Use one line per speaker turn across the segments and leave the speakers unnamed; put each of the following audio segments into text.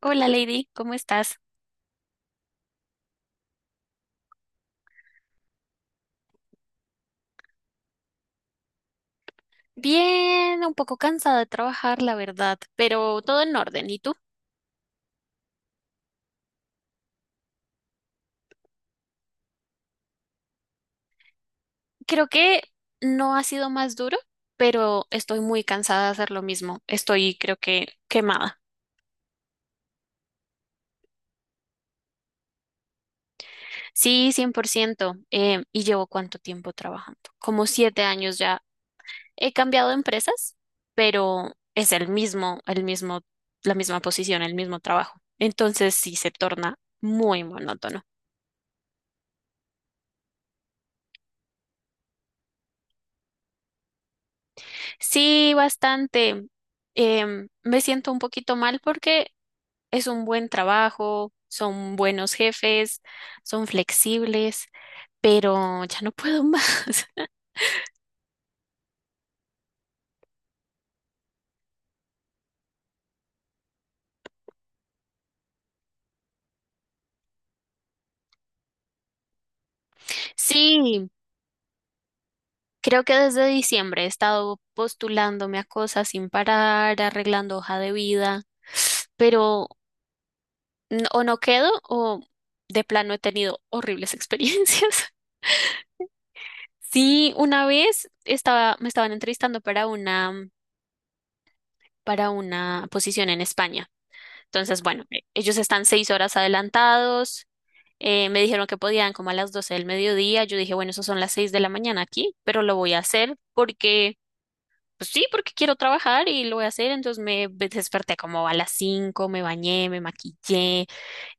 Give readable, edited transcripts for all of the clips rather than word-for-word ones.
Hola Lady, ¿cómo estás? Bien, un poco cansada de trabajar, la verdad, pero todo en orden. ¿Y tú? Creo que no ha sido más duro, pero estoy muy cansada de hacer lo mismo. Estoy, creo que, quemada. Sí, 100%. ¿Y llevo cuánto tiempo trabajando? Como 7 años ya. He cambiado de empresas, pero es el mismo, la misma posición, el mismo trabajo. Entonces sí se torna muy monótono. Sí, bastante. Me siento un poquito mal porque es un buen trabajo, son buenos jefes, son flexibles, pero ya no puedo más. Sí, creo que desde diciembre he estado postulándome a cosas sin parar, arreglando hoja de vida, pero o no quedo o de plano he tenido horribles experiencias. Sí, una vez estaba, me estaban entrevistando para una posición en España. Entonces, bueno, ellos están 6 horas adelantados. Me dijeron que podían como a las 12 del mediodía. Yo dije, bueno, eso son las 6 de la mañana aquí, pero lo voy a hacer porque, pues sí, porque quiero trabajar y lo voy a hacer. Entonces desperté como a las 5, me bañé, me maquillé,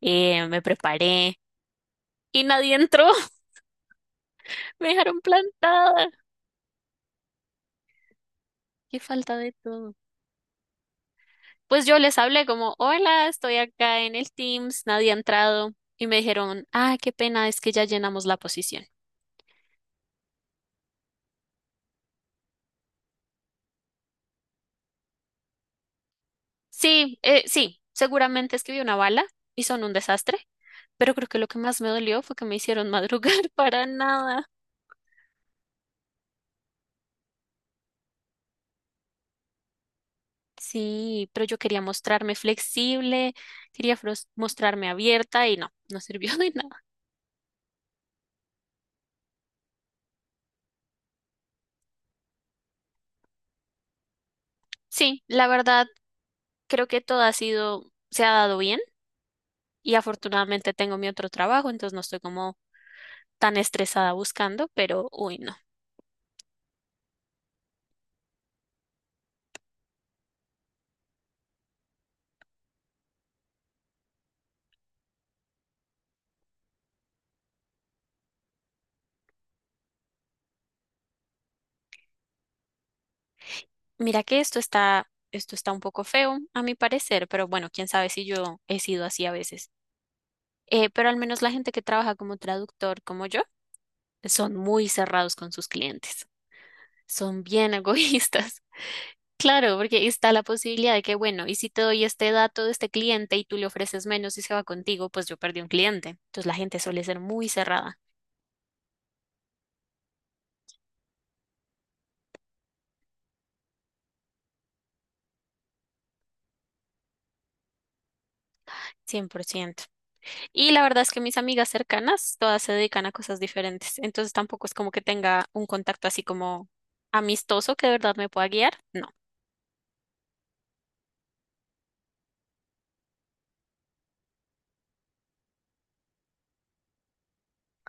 me preparé y nadie entró. Me dejaron plantada. Qué falta de todo. Pues yo les hablé como, hola, estoy acá en el Teams, nadie ha entrado. Y me dijeron, ah, qué pena, es que ya llenamos la posición. Sí, sí, seguramente escribí una bala y son un desastre, pero creo que lo que más me dolió fue que me hicieron madrugar para nada. Sí, pero yo quería mostrarme flexible, quería mostrarme abierta y no, no sirvió de nada. Sí, la verdad, creo que todo ha sido, se ha dado bien y afortunadamente tengo mi otro trabajo, entonces no estoy como tan estresada buscando, pero uy, no. Mira que esto está un poco feo, a mi parecer, pero bueno, quién sabe si yo he sido así a veces. Pero al menos la gente que trabaja como traductor como yo son muy cerrados con sus clientes, son bien egoístas. Claro, porque está la posibilidad de que, bueno, y si te doy este dato de este cliente y tú le ofreces menos y se va contigo, pues yo perdí un cliente. Entonces la gente suele ser muy cerrada, 100%. Y la verdad es que mis amigas cercanas, todas se dedican a cosas diferentes. Entonces tampoco es como que tenga un contacto así como amistoso que de verdad me pueda guiar. No.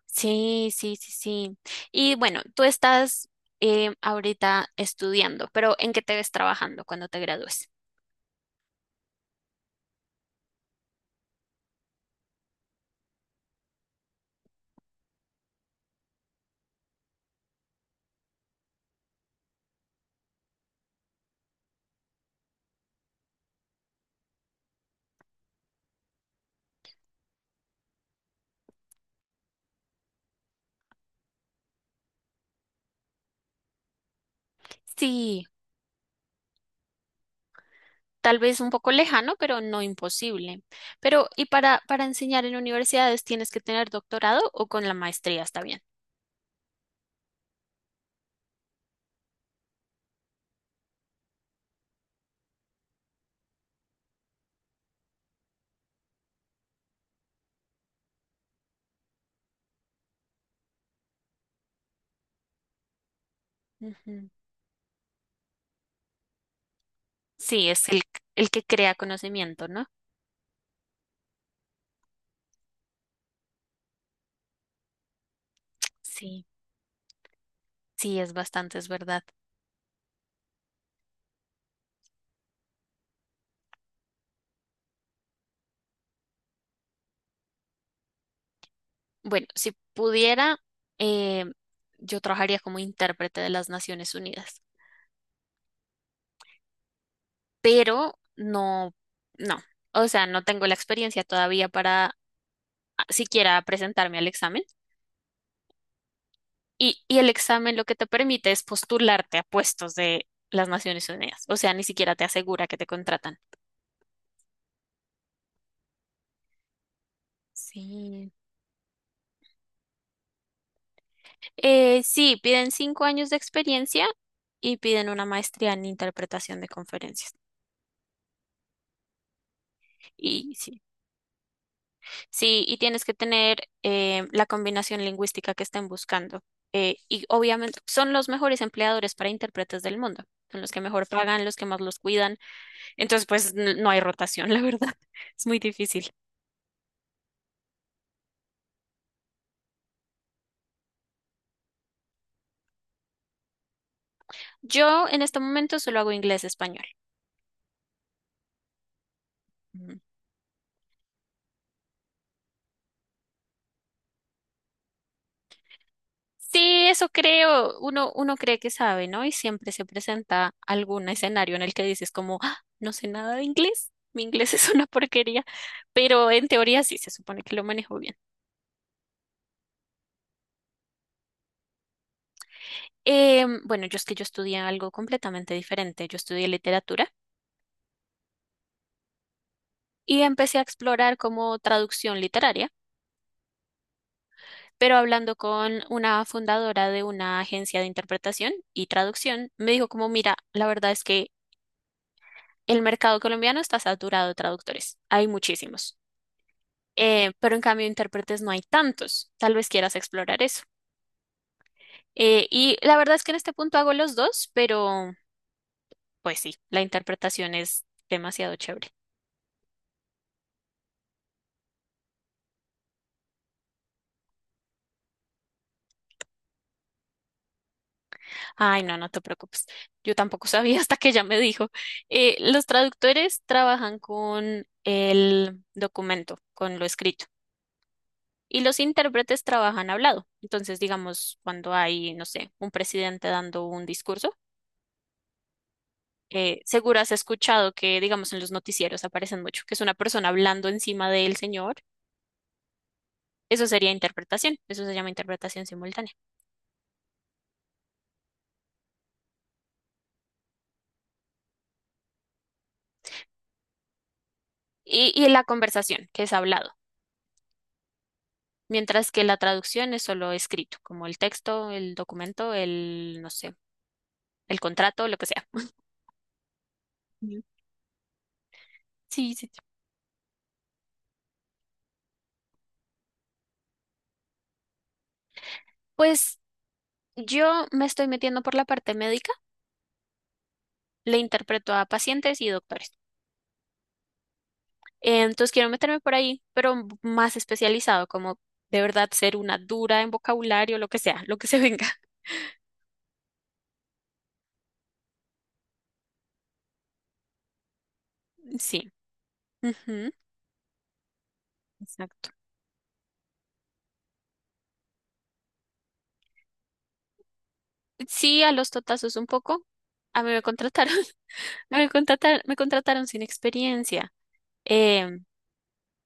Sí, sí, sí, sí. Y bueno, tú estás ahorita estudiando, pero ¿en qué te ves trabajando cuando te gradúes? Sí, tal vez un poco lejano, pero no imposible. Pero, ¿y para enseñar en universidades tienes que tener doctorado o con la maestría está bien? Ujú. Sí, es el que crea conocimiento, ¿no? Sí, sí, es bastante, es verdad. Bueno, si pudiera, eh, yo trabajaría como intérprete de las Naciones Unidas, pero no, no, o sea, no tengo la experiencia todavía para siquiera presentarme al examen. Y el examen lo que te permite es postularte a puestos de las Naciones Unidas, o sea, ni siquiera te asegura que te contratan. Sí. Sí, piden 5 años de experiencia y piden una maestría en interpretación de conferencias. Y sí. Sí, y tienes que tener la combinación lingüística que estén buscando. Y obviamente son los mejores empleadores para intérpretes del mundo. Son los que mejor pagan, los que más los cuidan. Entonces, pues no hay rotación, la verdad. Es muy difícil. Yo en este momento solo hago inglés-español. Sí, eso creo. Uno cree que sabe, ¿no? Y siempre se presenta algún escenario en el que dices como, "Ah, no sé nada de inglés. Mi inglés es una porquería." Pero en teoría sí se supone que lo manejo bien. Bueno, yo es que yo estudié algo completamente diferente. Yo estudié literatura y empecé a explorar como traducción literaria, pero hablando con una fundadora de una agencia de interpretación y traducción, me dijo como, mira, la verdad es que el mercado colombiano está saturado de traductores. Hay muchísimos. Pero en cambio, intérpretes no hay tantos. Tal vez quieras explorar eso. Y la verdad es que en este punto hago los dos, pero pues sí, la interpretación es demasiado chévere. Ay, no, no te preocupes. Yo tampoco sabía hasta que ella me dijo. Los traductores trabajan con el documento, con lo escrito, y los intérpretes trabajan hablado. Entonces, digamos, cuando hay, no sé, un presidente dando un discurso, seguro has escuchado que, digamos, en los noticieros aparecen mucho, que es una persona hablando encima del señor. Eso sería interpretación, eso se llama interpretación simultánea. Y la conversación, que es hablado. Mientras que la traducción es solo escrito, como el texto, el documento, el, no sé, el contrato, lo que sea. Ujú. Sí, sí, sí. Pues yo me estoy metiendo por la parte médica, le interpreto a pacientes y doctores. Entonces quiero meterme por ahí, pero más especializado, como de verdad ser una dura en vocabulario, lo que sea, lo que se venga. Sí. Ujú. Exacto. Sí, a los totazos un poco. A mí me contrataron, me contrataron sin experiencia. Em,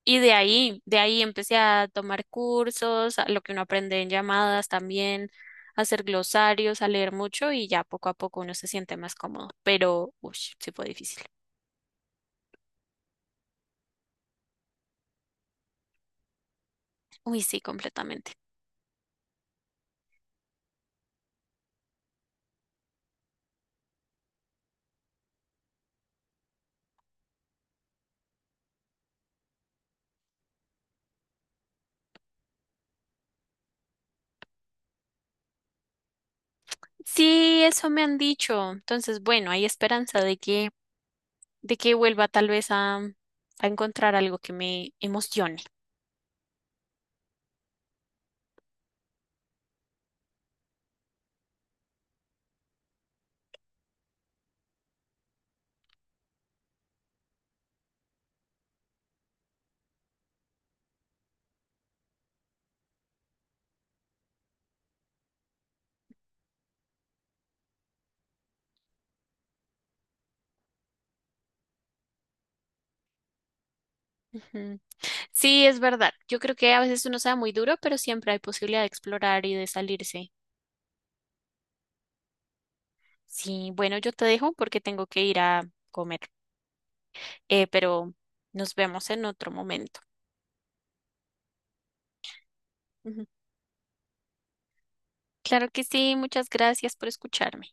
Y de ahí empecé a tomar cursos, a lo que uno aprende en llamadas también, a hacer glosarios, a leer mucho y ya poco a poco uno se siente más cómodo. Pero, uy, sí fue difícil. Uy, sí, completamente. Sí, eso me han dicho. Entonces, bueno, hay esperanza de que vuelva tal vez a encontrar algo que me emocione. Ujú. Sí, es verdad. Yo creo que a veces uno se da muy duro, pero siempre hay posibilidad de explorar y de salirse. Sí, bueno, yo te dejo porque tengo que ir a comer, pero nos vemos en otro momento. Ujú. Claro que sí, muchas gracias por escucharme.